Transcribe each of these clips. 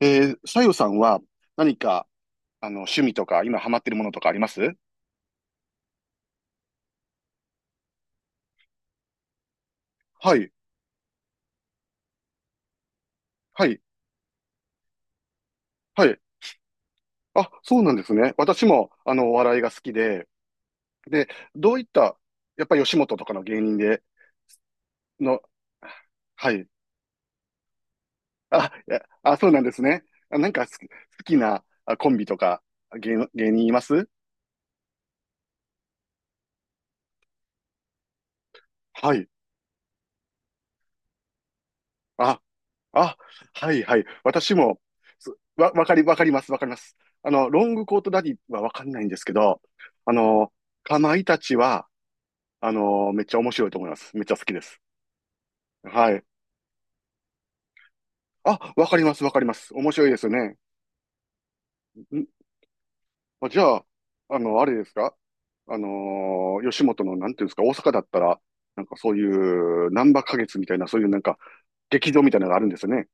さよさんは何か、趣味とか、今ハマってるものとかあります？はい、はい、はい。あ、そうなんですね。私も、お笑いが好きで、どういった、やっぱ吉本とかの芸人で、の、はい。あ、いや、あ、そうなんですね。あ、なんか好きなあコンビとか、芸人います？はい。あ、あ、はいはい。私も、すわ、わかり、わかります、わかります。ロングコートダディはわかんないんですけど、あの、かまいたちは、めっちゃ面白いと思います。めっちゃ好きです。はい。あ、わかります、わかります。面白いですよね。んあ、じゃあ、あれですか？あの吉本の、なんていうんですか？大阪だったら、なんかそういう、なんば花月みたいな、そういうなんか、劇場みたいなのがあるんですよね。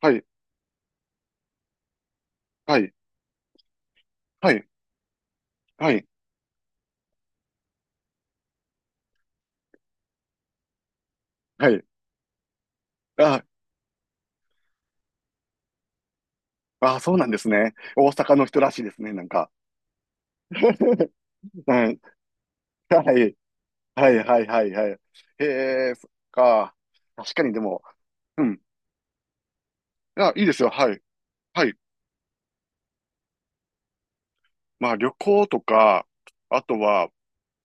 はい、はい、はい、はい、はい。あ、ああ、そうなんですね。大阪の人らしいですね、なんか。はい。はい。はい、はい、はい、はい。へえ、そっか。確かにでも、うん。あ、いいですよ。はい。はい。まあ、旅行とか、あとは、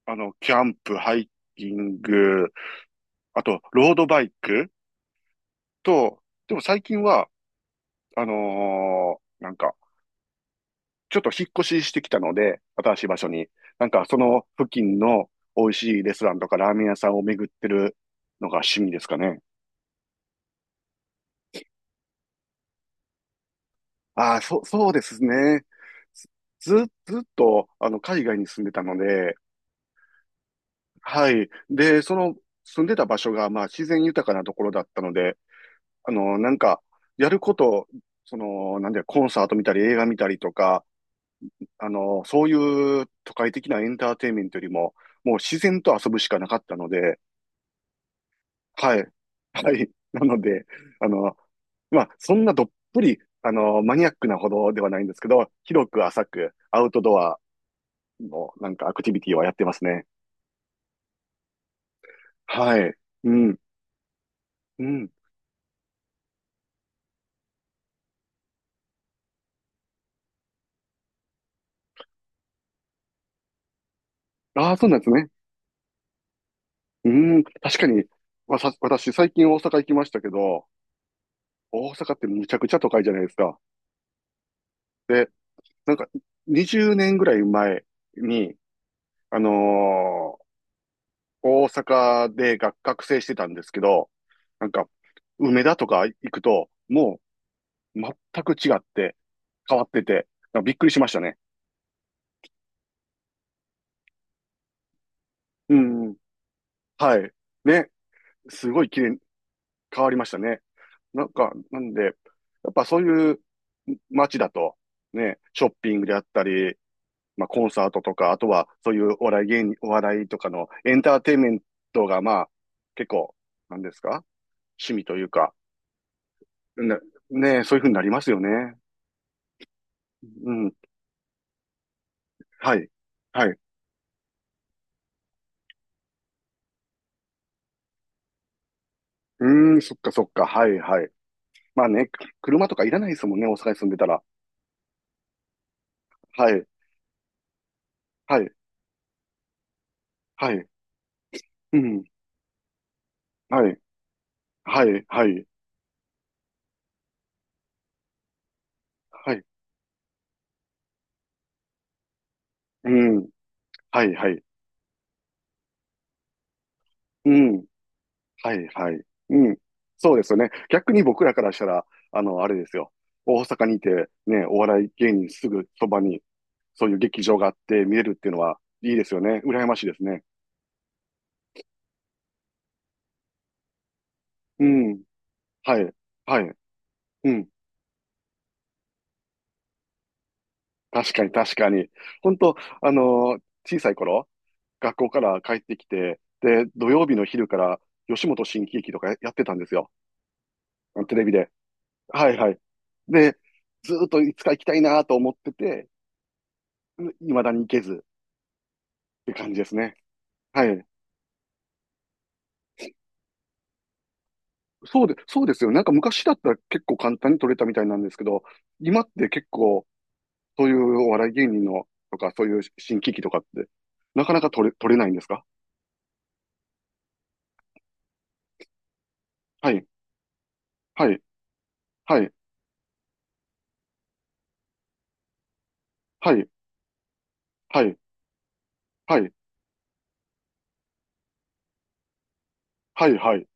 キャンプ、ハイキング、あと、ロードバイクと、でも最近は、なんか、ちょっと引っ越ししてきたので、新しい場所に。なんか、その付近の美味しいレストランとかラーメン屋さんを巡ってるのが趣味ですかね。ああ、そうですね。ず、ずずっと、海外に住んでたので、はい。で、その、住んでた場所が、まあ、自然豊かなところだったので、なんか、やること、その、なんだよ、コンサート見たり、映画見たりとか、そういう都会的なエンターテインメントよりも、もう自然と遊ぶしかなかったので、はい。はい。なので、あの、まあ、そんなどっぷり、マニアックなほどではないんですけど、広く浅くアウトドアの、なんかアクティビティはやってますね。はい。うん。うん。ああ、そうなんですね。うん。確かに、私、最近大阪行きましたけど、大阪ってむちゃくちゃ都会じゃないですか。で、なんか、20年ぐらい前に、あのー大阪で学生してたんですけど、なんか、梅田とか行くと、もう、全く違って、変わってて、なんかびっくりしましたね。うんうん。はい。ね。すごい綺麗変わりましたね。なんか、なんで、やっぱそういう街だと、ね、ショッピングであったり、まあコンサートとか、あとはそういうお笑い芸人、お笑いとかのエンターテインメントがまあ結構、なんですか？趣味というか、ね、ね、そういうふうになりますよね。うん、はい、はい。うーん、そっかそっか、はいはい。まあね、車とかいらないですもんね、大阪に住んでたら。はい、はい、はい、うん、はい、はい、はい、はい、うん、はい、はい。うん。はいはい。うん。そうですよね。逆に僕らからしたら、あれですよ。大阪にいて、ね、お笑い芸人すぐそばに、そういう劇場があって見れるっていうのは、いいですよね。羨ましいですね。うん。はい。はい。うん。確かに確かに。本当あのー小さい頃、学校から帰ってきて、で、土曜日の昼から吉本新喜劇とかやってたんですよ。テレビで。はいはい。で、ずーっといつか行きたいなと思ってて、いまだに行けず、って感じですね。はい。そうですよ。なんか昔だったら結構簡単に取れたみたいなんですけど、今って結構、そういうお笑い芸人のとか、そういう新喜劇とかって、なかなか取れないんですか？はい、はい、はい、はい、はい、はい、はい、はい、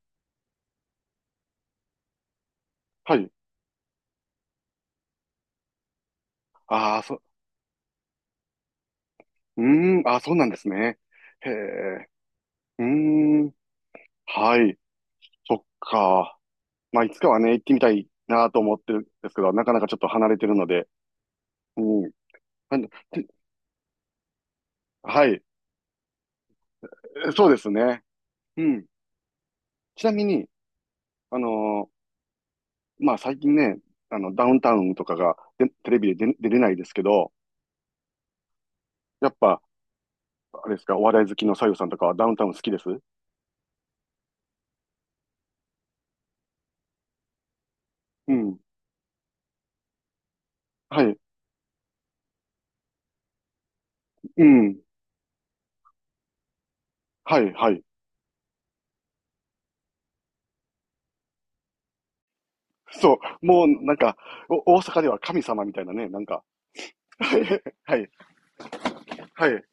はい。ああ、うーん、ああ、そうなんですね。へえ、うーん、はい、そっか。まあ、いつかはね、行ってみたいなと思ってるんですけど、なかなかちょっと離れてるので、うん。なんで、はい、そうですね。うん。ちなみに、あのーまあ最近ね、ダウンタウンとかがでテレビで出れないですけど、やっぱ、あれですか、お笑い好きのさゆさんとかはダウンタウン好きです？うん。はい。うん。はい、はい。そう。もう、なんか、大阪では神様みたいなね、なんか。はい、はい、はい、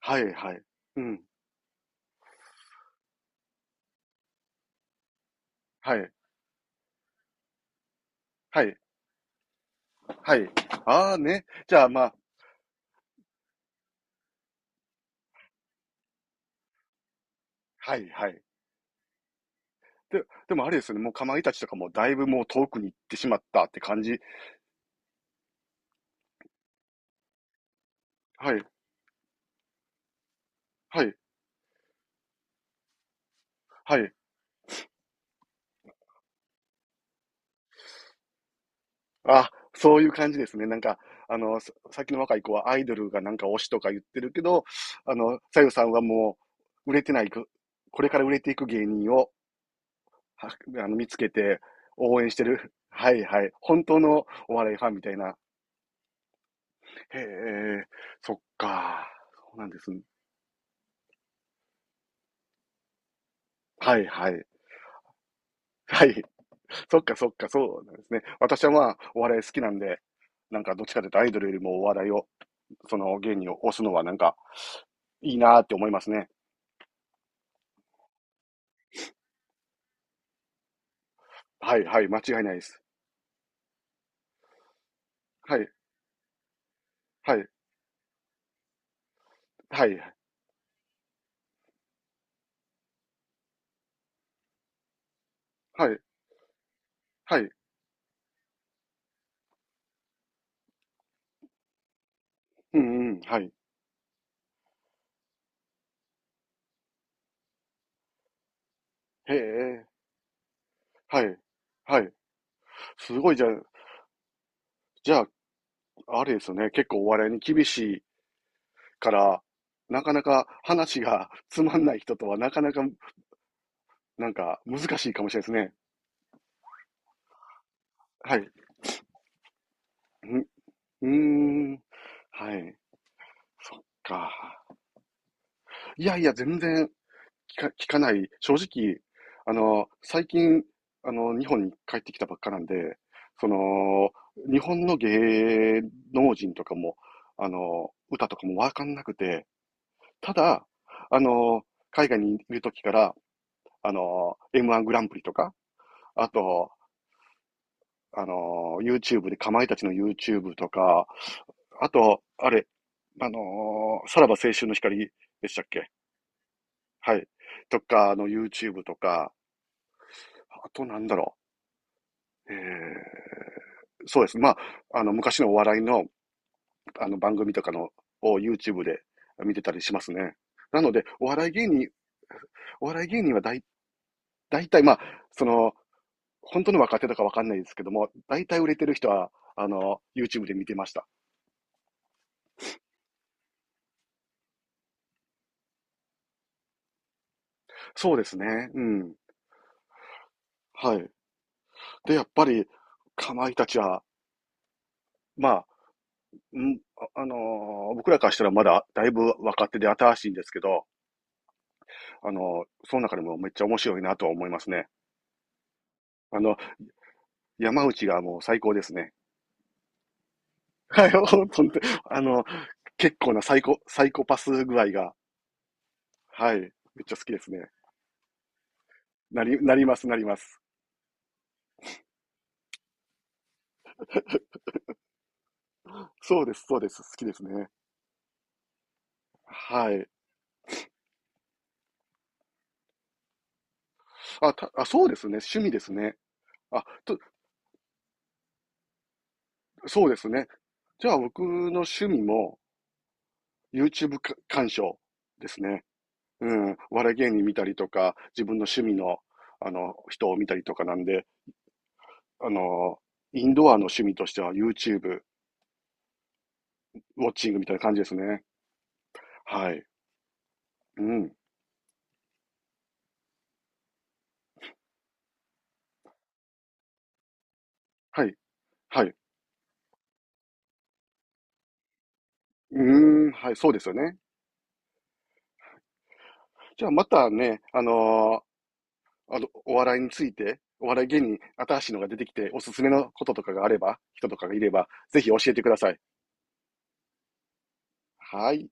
はい、はい。うん。はい、はい、はい。ああね。じゃあまあ、はい、はい。で、でもあれですよね、もうかまいたちとかもだいぶもう遠くに行ってしまったって感じ。はい、はい、はい。あ、そういう感じですね。なんか、さっきの若い子はアイドルがなんか推しとか言ってるけど、さゆさんはもう、売れてないく、これから売れていく芸人を、はあの、見つけて応援してる。はいはい。本当のお笑いファンみたいな。へえ、そっか。そうなんですね。はいはい。はい。そっかそっか、そうなんですね。私はまあ、お笑い好きなんで、なんかどっちかというとアイドルよりもお笑いを、その芸人を推すのはなんか、いいなーって思いますね。はいはい、間違いないです。はい、はい、はい、はい、はい、うんうん、はい。へえ、はい、はい。すごい、じゃあ、あれですよね、結構お笑いに厳しいから、なかなか話がつまんない人とはなかなか、なんか難しいかもしれないですね。はい。んうーん。はい。そっか。いやいや、全然聞かない、正直、最近、日本に帰ってきたばっかなんで、その、日本の芸能人とかも、歌とかもわかんなくて、ただ、あの、海外にいる時から、M1 グランプリとか、あと、YouTube で、かまいたちの YouTube とか、あと、あれ、さらば青春の光でしたっけ？はい。とかの YouTube とか、あとなんだろう。えーそうですねまあ、昔のお笑いの、番組とかの、を YouTube で見てたりしますね。なので、お笑い芸人は大体、まあ、その、本当の若手とかわかんないですけども、大体売れてる人は、YouTube で見てました。そうですね。うん。はい。で、やっぱり、かまいたちは、まあ、ん僕らからしたらまだだいぶ若手で新しいんですけど、その中でもめっちゃ面白いなとは思いますね。あの、山内がもう最高ですね。はい、本当に、あの、結構なサイコパス具合が、はい、めっちゃ好きですね。なります、なります。そうです、そうです、好きですね。はい。あ、そうですね、趣味ですね。あ、と、そうですね。じゃあ僕の趣味も YouTube か鑑賞ですね。うん、お笑い芸人見たりとか、自分の趣味の、人を見たりとかなんで、あの、インドアの趣味としては YouTube、ウォッチングみたいな感じですね。はい。うん。はい。はい。うーん。はい。そうですよね。じゃあまたね、お笑いについて、お笑い芸人、新しいのが出てきて、おすすめのこととかがあれば、人とかがいれば、ぜひ教えてください。はい。